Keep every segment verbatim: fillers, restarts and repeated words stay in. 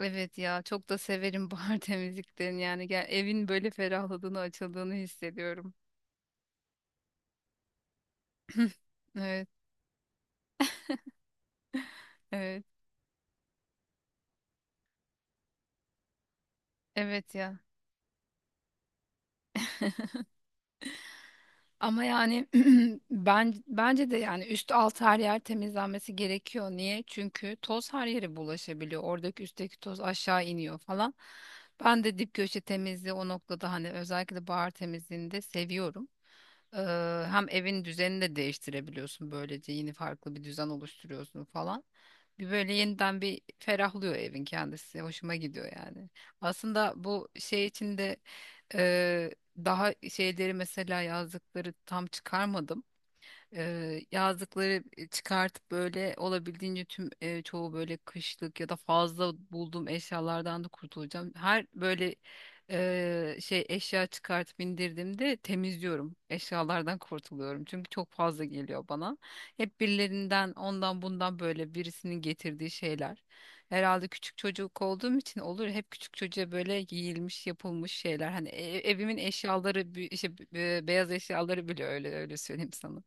Evet ya çok da severim bahar temizliklerini yani gel, evin böyle ferahladığını açıldığını hissediyorum. Evet evet evet ya ama yani ben bence de yani üst alt her yer temizlenmesi gerekiyor. Niye? Çünkü toz her yere bulaşabiliyor. Oradaki üstteki toz aşağı iniyor falan. Ben de dip köşe temizliği o noktada hani özellikle bahar temizliğini de seviyorum. Ee, hem evin düzenini de değiştirebiliyorsun, böylece yeni farklı bir düzen oluşturuyorsun falan. Bir böyle yeniden bir ferahlıyor evin kendisi. Hoşuma gidiyor yani. Aslında bu şey içinde daha şeyleri mesela yazdıkları tam çıkarmadım, e, yazdıkları çıkartıp böyle olabildiğince tüm e, çoğu böyle kışlık ya da fazla bulduğum eşyalardan da kurtulacağım. Her böyle e, şey eşya çıkartıp indirdiğimde temizliyorum. Eşyalardan kurtuluyorum. Çünkü çok fazla geliyor bana. Hep birilerinden ondan bundan böyle birisinin getirdiği şeyler. Herhalde küçük çocuk olduğum için olur. Hep küçük çocuğa böyle giyilmiş, yapılmış şeyler. Hani e- e, evimin eşyaları, bü- işte b- e, beyaz eşyaları bile öyle öyle söyleyeyim sana.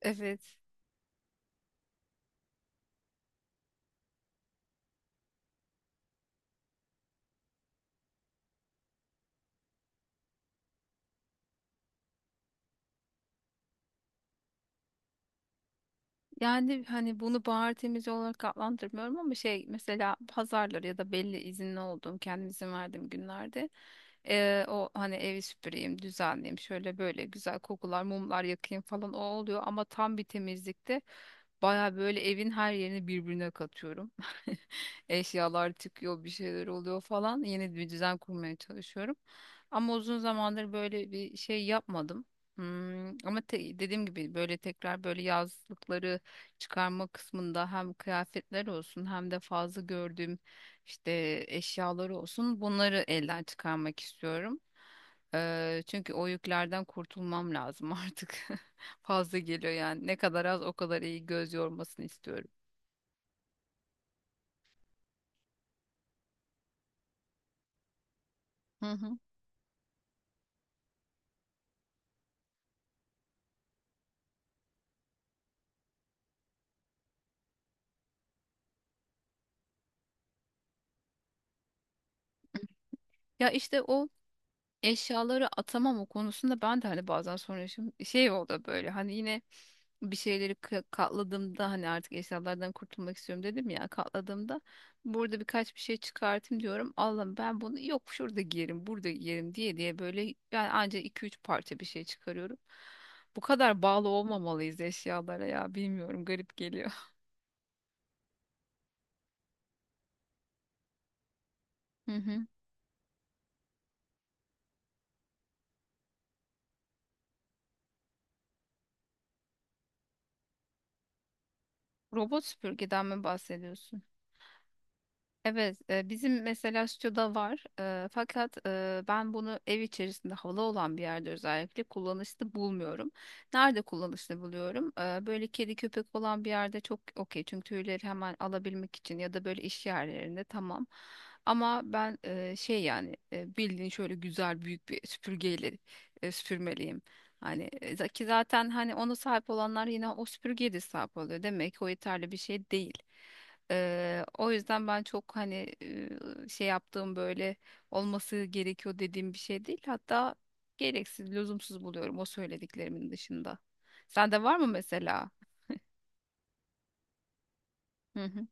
Evet. Yani hani bunu bahar temizliği olarak adlandırmıyorum, ama şey mesela pazarları ya da belli izinli olduğum, kendim izin verdiğim günlerde eee, o hani evi süpüreyim düzenleyeyim, şöyle böyle güzel kokular mumlar yakayım falan, o oluyor. Ama tam bir temizlikte baya böyle evin her yerini birbirine katıyorum. Eşyalar çıkıyor, bir şeyler oluyor falan. Yeni bir düzen kurmaya çalışıyorum. Ama uzun zamandır böyle bir şey yapmadım. Hmm, ama te- dediğim gibi böyle tekrar böyle yazlıkları çıkarma kısmında hem kıyafetler olsun, hem de fazla gördüğüm işte eşyaları olsun, bunları elden çıkarmak istiyorum. Eee, çünkü o yüklerden kurtulmam lazım artık. Fazla geliyor yani. Ne kadar az o kadar iyi, göz yormasını istiyorum. Hı hı. Ya işte o eşyaları atamam, o konusunda ben de hani bazen sonra yaşım şey oldu böyle hani yine bir şeyleri ka- katladığımda, hani artık eşyalardan kurtulmak istiyorum dedim ya, katladığımda burada birkaç bir şey çıkartayım diyorum, Allah'ım ben bunu yok şurada giyerim burada giyerim diye diye böyle yani ancak iki üç parça bir şey çıkarıyorum. Bu kadar bağlı olmamalıyız eşyalara ya, bilmiyorum, garip geliyor. Robot süpürgeden mi bahsediyorsun? Evet, e, bizim mesela stüdyoda var. E, fakat e, ben bunu ev içerisinde havalı olan bir yerde özellikle kullanışlı bulmuyorum. Nerede kullanışlı buluyorum? E, böyle kedi köpek olan bir yerde çok okey. Çünkü tüyleri hemen alabilmek için, ya da böyle iş yerlerinde, tamam. Ama ben e, şey yani e, bildiğin şöyle güzel büyük bir süpürgeyle e, süpürmeliyim. Hani e, za- ki zaten hani ona sahip olanlar yine o süpürgeye de sahip oluyor. Demek ki o yeterli bir şey değil. Eee, o yüzden ben çok hani eee, şey yaptığım böyle olması gerekiyor dediğim bir şey değil. Hatta gereksiz, lüzumsuz buluyorum o söylediklerimin dışında. Sende var mı mesela? Hı hı.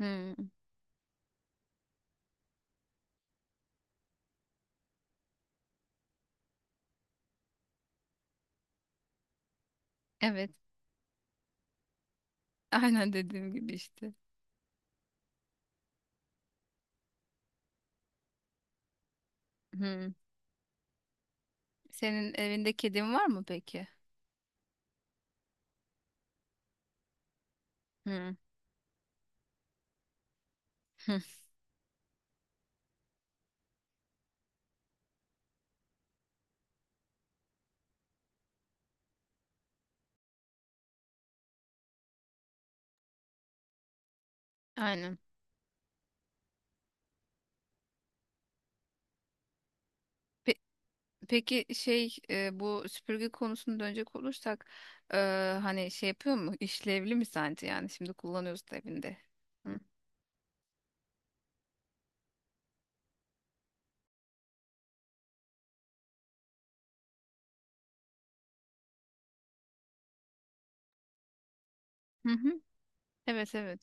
Hı. Evet. Aynen dediğim gibi işte. Hı. Senin evinde kedin var mı peki? Hı. Hı. Aynen. Pe- Peki şey e, bu süpürge konusuna dönecek olursak e, hani şey yapıyor mu, işlevli mi sence, yani şimdi kullanıyorsun evinde? Hı. Hı hı. Evet evet.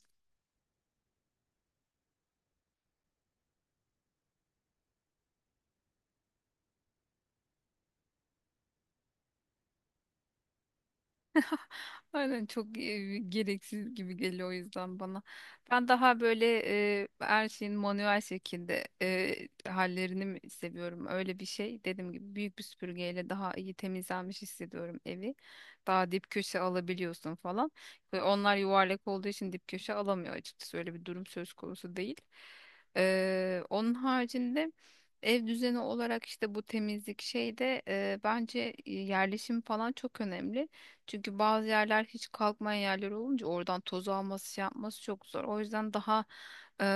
Aynen, çok e, gereksiz gibi geliyor o yüzden bana. Ben daha böyle e, her şeyin manuel şekilde e, hallerini mi seviyorum. Öyle bir şey, dediğim gibi büyük bir süpürgeyle daha iyi temizlenmiş hissediyorum evi. Daha dip köşe alabiliyorsun falan. Ve onlar yuvarlak olduğu için dip köşe alamıyor açıkçası. Öyle bir durum söz konusu değil. Eee, onun haricinde ev düzeni olarak işte bu temizlik şeyde eee bence yerleşim falan çok önemli. Çünkü bazı yerler hiç kalkmayan yerler olunca oradan tozu alması şey yapması çok zor. O yüzden daha eee,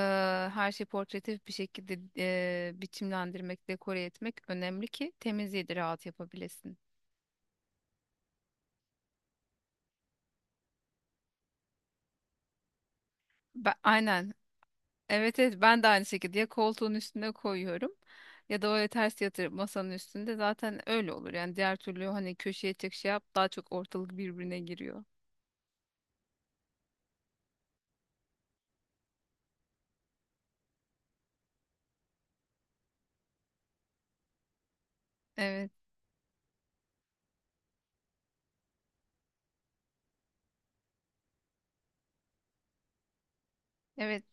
her şeyi portatif bir şekilde eee, biçimlendirmek, dekore etmek önemli ki temizliği de rahat yapabilesin. Ben, aynen. Evet evet, ben de aynı şekilde ya koltuğun üstüne koyuyorum ya da öyle ters yatırıp masanın üstünde, zaten öyle olur. Yani diğer türlü hani köşeye çek şey yap, daha çok ortalık birbirine giriyor. Evet. Evet.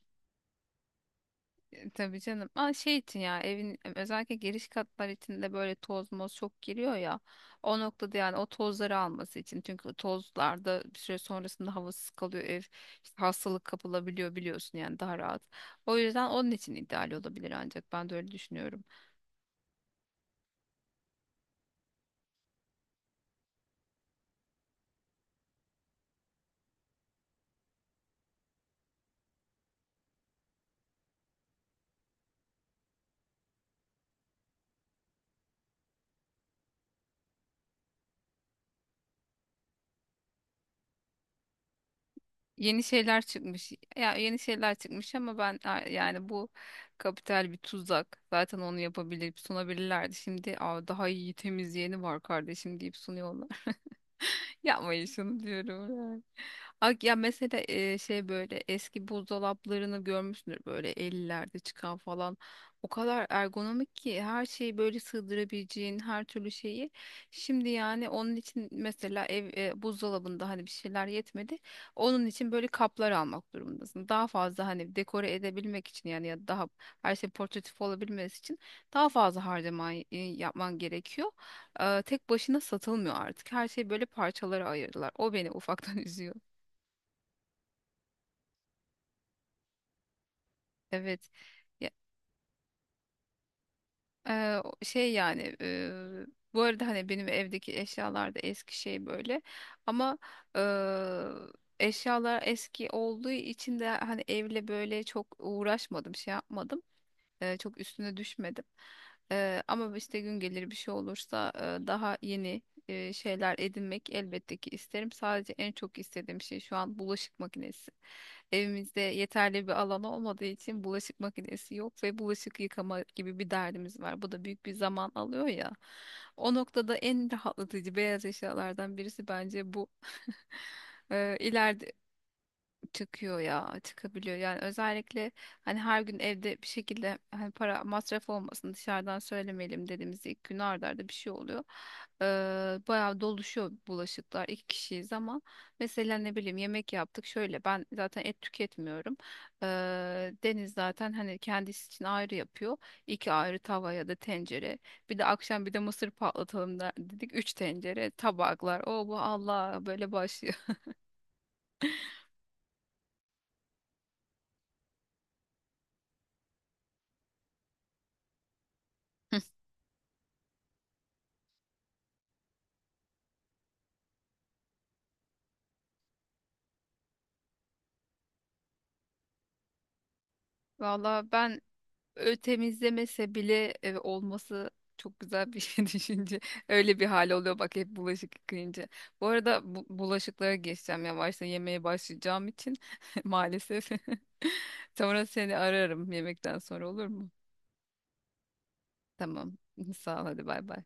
E, Tabii canım. Ama şey için ya evin özellikle giriş katlar içinde böyle toz moz çok giriyor ya. O noktada yani o tozları alması için. Çünkü tozlarda bir süre sonrasında havasız kalıyor ev. İşte hastalık kapılabiliyor biliyorsun, yani daha rahat. O yüzden onun için ideal olabilir, ancak ben de öyle düşünüyorum. Yeni şeyler çıkmış. Ya yeni şeyler çıkmış ama ben a- yani bu kapital bir tuzak. Zaten onu yapabilir, sunabilirlerdi. Şimdi aa, daha iyi temizleyeni var kardeşim deyip sunuyorlar. Yapmayın şunu diyorum yani. Ak ya mesela e, şey, böyle eski buzdolaplarını görmüşsündür böyle ellilerde çıkan falan. O kadar ergonomik ki her şeyi böyle sığdırabileceğin, her türlü şeyi. Şimdi yani onun için mesela ev e, buzdolabında hani bir şeyler yetmedi. Onun için böyle kaplar almak durumundasın. Daha fazla hani dekore edebilmek için yani, ya da daha her şey portatif olabilmesi için daha fazla harcama e, yapman gerekiyor. Eee, tek başına satılmıyor artık. Her şey böyle parçalara ayırdılar. O beni ufaktan üzüyor. Evet. Ya, eee, o- şey yani eee, bu arada hani benim evdeki eşyalar da eski şey böyle. Ama eee, eşyalar eski olduğu için de hani evle böyle çok uğraşmadım, şey yapmadım. Eee, çok üstüne düşmedim. Eee, ama işte gün gelir, bir şey olursa eee, daha yeni eee, şeyler edinmek elbette ki isterim. Sadece en çok istediğim şey şu an bulaşık makinesi. Evimizde yeterli bir alan olmadığı için bulaşık makinesi yok ve bulaşık yıkama gibi bir derdimiz var. Bu da büyük bir zaman alıyor ya. O noktada en rahatlatıcı beyaz eşyalardan birisi bence bu. Eee ileride çıkıyor ya, çıkabiliyor yani, özellikle hani her gün evde bir şekilde hani para masraf olmasın, dışarıdan söylemeyelim dediğimiz ilk gün arda arda bir şey oluyor. Ee, Bayağı doluşuyor bulaşıklar, iki kişiyiz ama mesela ne bileyim yemek yaptık şöyle, ben zaten et tüketmiyorum. Ee, Deniz zaten hani kendisi için ayrı yapıyor, iki ayrı tava ya da tencere, bir de akşam bir de mısır patlatalım da dedik, üç tencere tabaklar o bu Allah böyle başlıyor. Valla ben Ö, temizlemese bile e, olması çok güzel bir şey düşünce. Öyle bir hal oluyor bak hep bulaşık yıkayınca. Bu arada bu, bulaşıklara geçeceğim, yavaştan yemeğe başlayacağım için maalesef. Sonra seni ararım yemekten sonra, olur mu? Tamam. Sağ ol, hadi bay bay.